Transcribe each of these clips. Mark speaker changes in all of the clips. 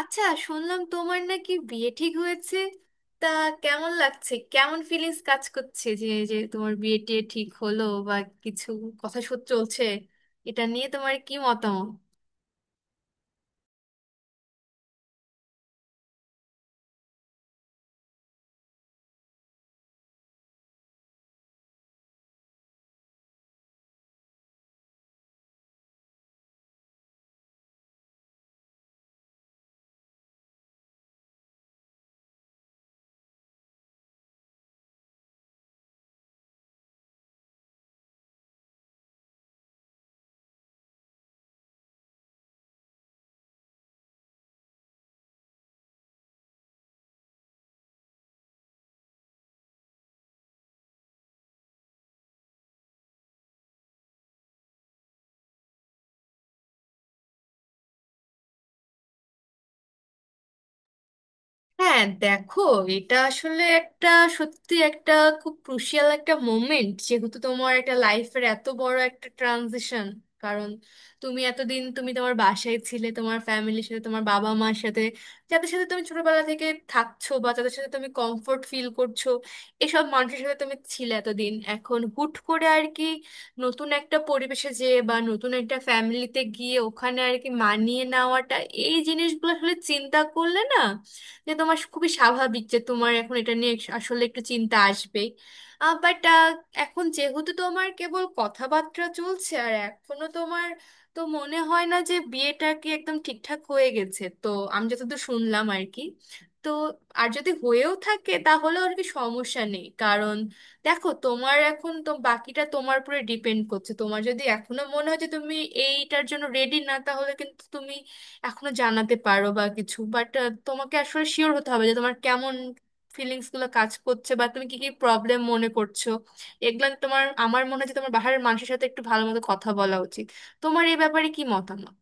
Speaker 1: আচ্ছা, শুনলাম তোমার নাকি বিয়ে ঠিক হয়েছে। তা কেমন লাগছে? কেমন ফিলিংস কাজ করছে যে যে তোমার বিয়ে টিয়ে ঠিক হলো বা কিছু কথা চলছে? এটা নিয়ে তোমার কি মতামত? হ্যাঁ, দেখো, এটা আসলে একটা সত্যি খুব ক্রুশিয়াল একটা মোমেন্ট, যেহেতু তোমার একটা লাইফের এত বড় একটা ট্রানজিশন। কারণ তুমি তোমার বাসায় ছিলে তোমার ফ্যামিলির সাথে, তোমার বাবা মার সাথে, যাদের সাথে তুমি ছোটবেলা থেকে থাকছো, বা যাদের সাথে তুমি কমফোর্ট ফিল করছো, এসব মানুষের সাথে তুমি ছিলে এতদিন। এখন হুট করে আর কি, নতুন একটা পরিবেশে যেয়ে বা নতুন একটা ফ্যামিলিতে গিয়ে ওখানে আর কি মানিয়ে নেওয়াটা, এই জিনিসগুলো আসলে চিন্তা করলে না, যে তোমার খুবই স্বাভাবিক যে তোমার এখন এটা নিয়ে আসলে একটু চিন্তা আসবেই। বাট এখন যেহেতু তোমার কেবল কথাবার্তা চলছে আর এখনো তোমার, তো মনে হয় না যে বিয়েটা কি একদম ঠিকঠাক হয়ে গেছে, তো আমি যতদূর শুনলাম আর কি। তো আর যদি হয়েও থাকে তাহলে আর কি সমস্যা নেই, কারণ দেখো, তোমার এখন তো বাকিটা তোমার উপরে ডিপেন্ড করছে। তোমার যদি এখনো মনে হয় যে তুমি এইটার জন্য রেডি না, তাহলে কিন্তু তুমি এখনো জানাতে পারো বা কিছু। বাট তোমাকে আসলে শিওর হতে হবে যে তোমার কেমন ফিলিংস গুলো কাজ করছে বা তুমি কি কি প্রবলেম মনে করছো। এগুলো তোমার, আমার মনে হয় যে তোমার বাহিরের মানুষের সাথে একটু ভালো মতো কথা বলা উচিত। তোমার এই ব্যাপারে কি মতামত?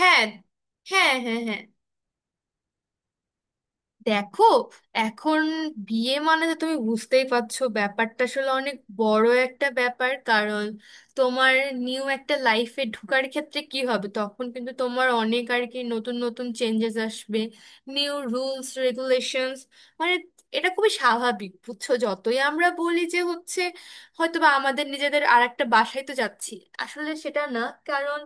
Speaker 1: হ্যাঁ, হ্যাঁ, হ্যাঁ, হ্যাঁ, দেখো, এখন বিয়ে মানে তো তুমি বুঝতেই পারছো, ব্যাপারটা আসলে অনেক বড় একটা ব্যাপার। কারণ তোমার নিউ একটা লাইফে ঢোকার ক্ষেত্রে কি হবে, তখন কিন্তু তোমার অনেক আর কি নতুন নতুন চেঞ্জেস আসবে, নিউ রুলস রেগুলেশনস। মানে এটা খুবই স্বাভাবিক, বুঝছো, যতই আমরা বলি যে হচ্ছে হয়তো বা আমাদের নিজেদের আর একটা বাসায় তো যাচ্ছি, আসলে সেটা না। কারণ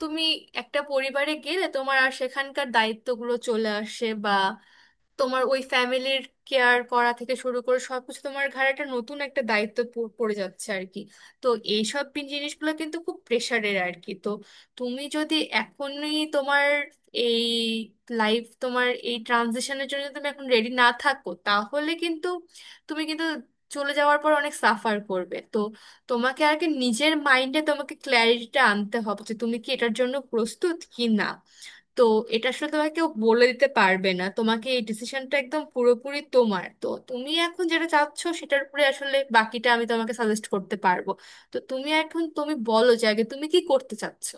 Speaker 1: তুমি একটা পরিবারে গেলে তোমার আর সেখানকার দায়িত্বগুলো চলে আসে। তোমার ওই ফ্যামিলির কেয়ার করা থেকে শুরু করে সবকিছু তোমার ঘাড়ে একটা নতুন একটা দায়িত্ব পড়ে যাচ্ছে আর কি। তো এইসব জিনিসগুলো কিন্তু খুব প্রেশারের আর কি। তো তুমি যদি এখনই তোমার এই লাইফ, তোমার এই ট্রানজিশনের জন্য তুমি এখন রেডি না থাকো, তাহলে কিন্তু তুমি চলে যাওয়ার পর অনেক সাফার করবে। তো তোমাকে আর কি নিজের মাইন্ডে তোমাকে ক্ল্যারিটিটা আনতে হবে যে তুমি কি এটার জন্য প্রস্তুত কি না। তো এটা আসলে তোমাকে কেউ বলে দিতে পারবে না, তোমাকে এই ডিসিশনটা একদম পুরোপুরি তোমার। তো তুমি এখন যেটা চাচ্ছ সেটার উপরে আসলে বাকিটা আমি তোমাকে সাজেস্ট করতে পারবো। তো তুমি বলো যে আগে তুমি কি করতে চাচ্ছ?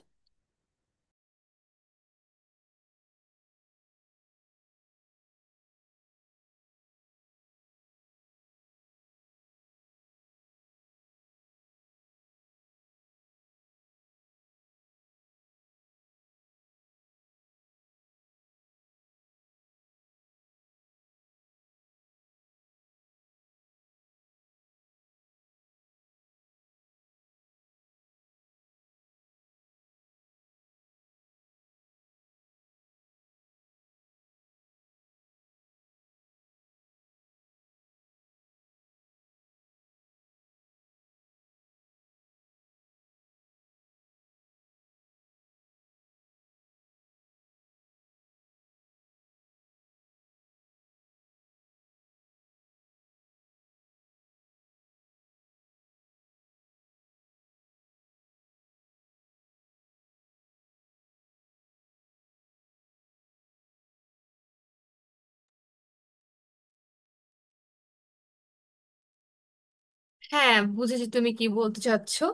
Speaker 1: হ্যাঁ, বুঝেছি তুমি কি বলতে চাচ্ছো।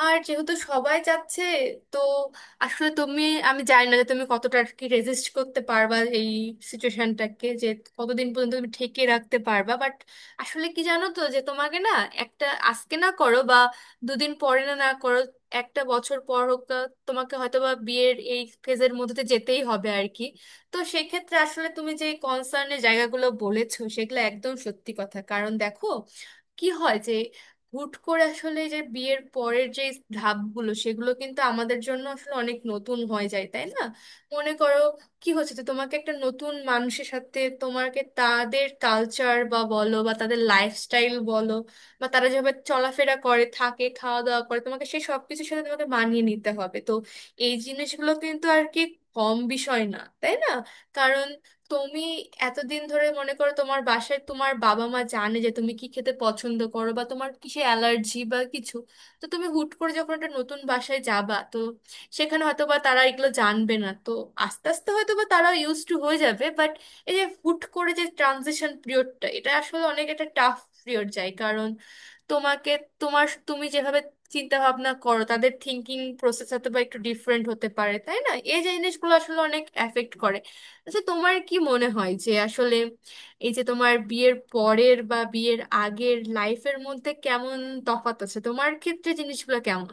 Speaker 1: আর যেহেতু সবাই যাচ্ছে, তো আসলে তুমি, আমি জানি না যে তুমি কতটা আর কি রেজিস্ট করতে পারবা এই সিচুয়েশনটাকে, যে কতদিন পর্যন্ত তুমি ঠেকিয়ে রাখতে পারবা। বাট আসলে কি জানো তো, যে তোমাকে না একটা আজকে না করো, বা দুদিন পরে না না করো, একটা বছর পর হোক, তোমাকে হয়তো বা বিয়ের এই ফেজের মধ্যে দিয়ে যেতেই হবে আর কি। তো সেক্ষেত্রে আসলে তুমি যে কনসার্নের জায়গাগুলো বলেছো সেগুলো একদম সত্যি কথা। কারণ দেখো, কি হয় যে হুট করে আসলে যে বিয়ের পরের যে ধাপগুলো সেগুলো কিন্তু আমাদের জন্য আসলে অনেক নতুন হয়ে যায়, তাই না? মনে করো, কি হচ্ছে যে তোমাকে একটা নতুন মানুষের সাথে তোমাকে তাদের কালচার বা বলো, বা তাদের লাইফস্টাইল বলো, বা তারা যেভাবে চলাফেরা করে থাকে, খাওয়া দাওয়া করে, তোমাকে সেই সব কিছুর সাথে তোমাকে মানিয়ে নিতে হবে। তো এই জিনিসগুলো কিন্তু আর কি কম বিষয় না, তাই না? কারণ তুমি এতদিন ধরে, মনে করো, তোমার বাসায় তোমার বাবা মা জানে যে তুমি কি খেতে পছন্দ করো বা তোমার কিসে অ্যালার্জি বা কিছু। তো তুমি হুট করে যখন একটা নতুন বাসায় যাবা, তো সেখানে হয়তো বা তারা এগুলো জানবে না। তো আস্তে আস্তে হয়তো বা তারা ইউজ টু হয়ে যাবে, বাট এই যে হুট করে যে ট্রানজিশন পিরিয়ডটা, এটা আসলে অনেক একটা টাফ পিরিয়ড যায়। কারণ তোমাকে, তোমার, তুমি যেভাবে চিন্তা ভাবনা করো, তাদের থিঙ্কিং প্রসেস হয়তো বা একটু ডিফারেন্ট হতে পারে, তাই না? এই যে জিনিসগুলো আসলে অনেক এফেক্ট করে। আচ্ছা, তোমার কি মনে হয় যে আসলে এই যে তোমার বিয়ের পরের বা বিয়ের আগের লাইফের মধ্যে কেমন তফাৎ আছে, তোমার ক্ষেত্রে জিনিসগুলো কেমন?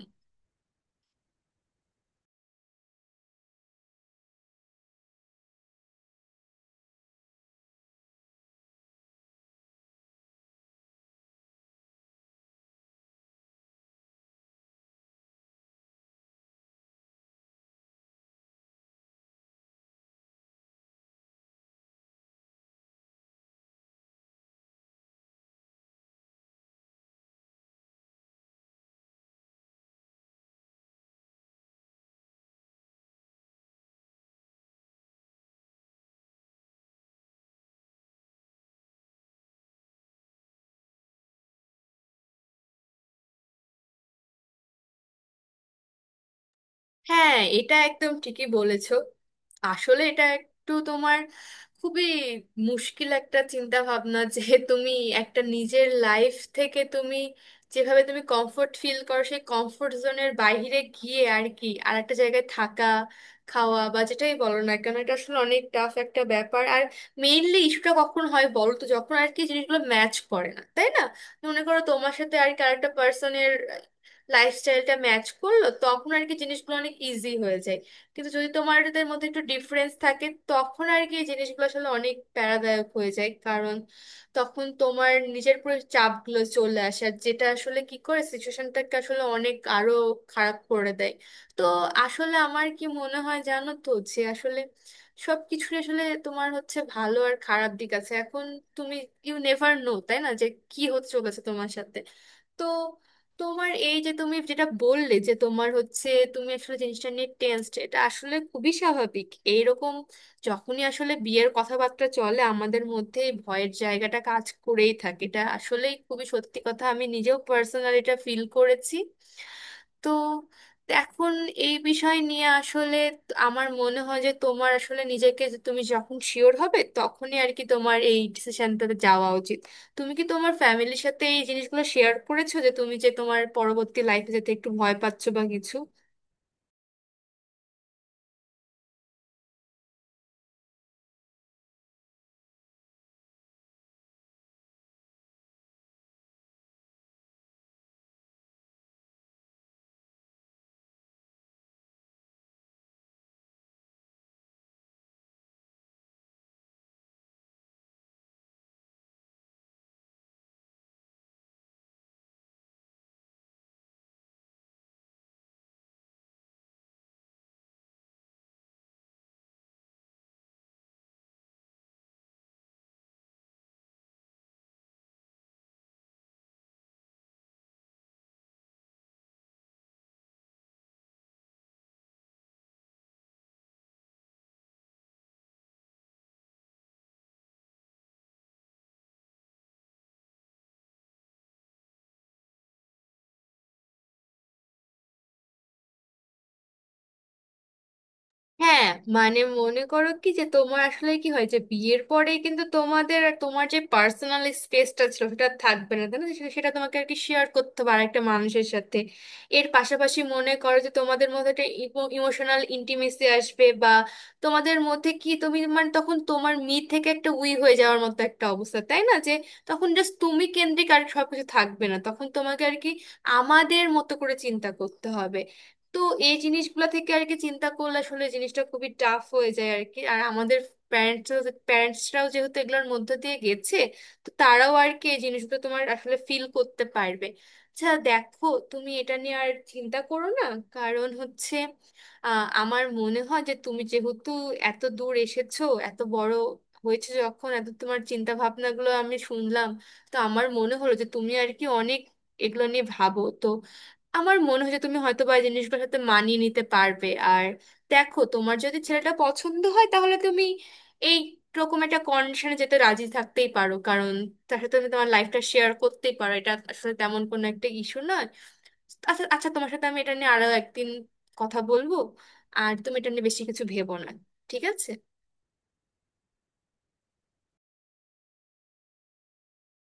Speaker 1: হ্যাঁ, এটা একদম ঠিকই বলেছো। আসলে এটা একটু তোমার খুবই মুশকিল একটা চিন্তা ভাবনা যে তুমি একটা নিজের লাইফ থেকে তুমি যেভাবে তুমি কমফোর্ট ফিল করো সেই কমফোর্ট জোনের বাইরে গিয়ে আর কি আর একটা জায়গায় থাকা খাওয়া বা যেটাই বলো না কেন, এটা আসলে অনেক টাফ একটা ব্যাপার। আর মেইনলি ইস্যুটা কখন হয় বলো তো, যখন আর কি জিনিসগুলো ম্যাচ করে না, তাই না? মনে করো তোমার সাথে আর কি আরেকটা পার্সনের লাইফস্টাইলটা ম্যাচ করলো, তখন আর কি জিনিসগুলো অনেক ইজি হয়ে যায়। কিন্তু যদি তোমাদের মধ্যে একটু ডিফারেন্স থাকে, তখন আর কি এই জিনিসগুলো আসলে অনেক প্যারাদায়ক হয়ে যায়। কারণ তখন তোমার নিজের পুরো চাপগুলো চলে আসে, আর যেটা আসলে কি করে সিচুয়েশনটাকে আসলে অনেক আরো খারাপ করে দেয়। তো আসলে আমার কি মনে হয় জানো তো, যে আসলে সবকিছু আসলে তোমার হচ্ছে ভালো আর খারাপ দিক আছে। এখন তুমি ইউ নেভার নো, তাই না, যে কি হচ্ছে চলেছে তোমার সাথে। তো তোমার এই যে তুমি যেটা বললে যে তোমার হচ্ছে তুমি আসলে জিনিসটা নিয়ে টেনসড, এটা আসলে খুবই স্বাভাবিক। এইরকম যখনই আসলে বিয়ের কথাবার্তা চলে আমাদের মধ্যে এই ভয়ের জায়গাটা কাজ করেই থাকে, এটা আসলেই খুবই সত্যি কথা, আমি নিজেও পার্সোনালি এটা ফিল করেছি। তো এখন এই বিষয় নিয়ে আসলে আমার মনে হয় যে তোমার আসলে নিজেকে, যে তুমি যখন শিওর হবে তখনই আর কি তোমার এই ডিসিশনটাতে যাওয়া উচিত। তুমি কি তোমার ফ্যামিলির সাথে এই জিনিসগুলো শেয়ার করেছো, যে তুমি যে তোমার পরবর্তী লাইফে যেতে একটু ভয় পাচ্ছো বা কিছু? হ্যাঁ, মানে মনে করো কি, যে তোমার আসলে কি হয়, যে বিয়ের পরে কিন্তু তোমাদের আর তোমার যে পার্সোনাল স্পেসটা ছিল সেটা আর থাকবে না, তাই না? সেটা তোমাকে আর কি শেয়ার করতে হবে আরেকটা মানুষের সাথে। এর পাশাপাশি মনে করো যে তোমাদের মধ্যে একটা ইমোশনাল ইন্টিমেসি আসবে, বা তোমাদের মধ্যে কি তুমি মানে তখন তোমার মি থেকে একটা উই হয়ে যাওয়ার মতো একটা অবস্থা, তাই না? যে তখন জাস্ট তুমি কেন্দ্রিক আর সবকিছু থাকবে না, তখন তোমাকে আর কি আমাদের মতো করে চিন্তা করতে হবে। তো এই জিনিসগুলা থেকে আর কি চিন্তা করলে আসলে জিনিসটা খুবই টাফ হয়ে যায় আর কি। আর আমাদের প্যারেন্টস প্যারেন্টসরাও যেহেতু এগুলোর মধ্য দিয়ে গেছে, তো তারাও আর কি এই জিনিসগুলো তোমার আসলে ফিল করতে পারবে। আচ্ছা দেখো, তুমি এটা নিয়ে আর চিন্তা করো না। কারণ হচ্ছে, আমার মনে হয় যে তুমি যেহেতু এত দূর এসেছো, এত বড় হয়েছে, যখন এত তোমার চিন্তা ভাবনাগুলো আমি শুনলাম, তো আমার মনে হলো যে তুমি আর কি অনেক এগুলো নিয়ে ভাবো। তো আমার মনে হয় যে তুমি হয়তো বা এই জিনিসগুলোর সাথে মানিয়ে নিতে পারবে। আর দেখো, তোমার যদি ছেলেটা পছন্দ হয়, তাহলে তুমি এই রকম একটা কন্ডিশনে যেতে রাজি থাকতেই পারো। কারণ তার সাথে তুমি তোমার লাইফটা শেয়ার করতেই পারো, এটা আসলে তেমন কোনো একটা ইস্যু নয়। আচ্ছা আচ্ছা, তোমার সাথে আমি এটা নিয়ে আরো একদিন কথা বলবো। আর তুমি এটা নিয়ে বেশি কিছু ভেবো না, ঠিক আছে?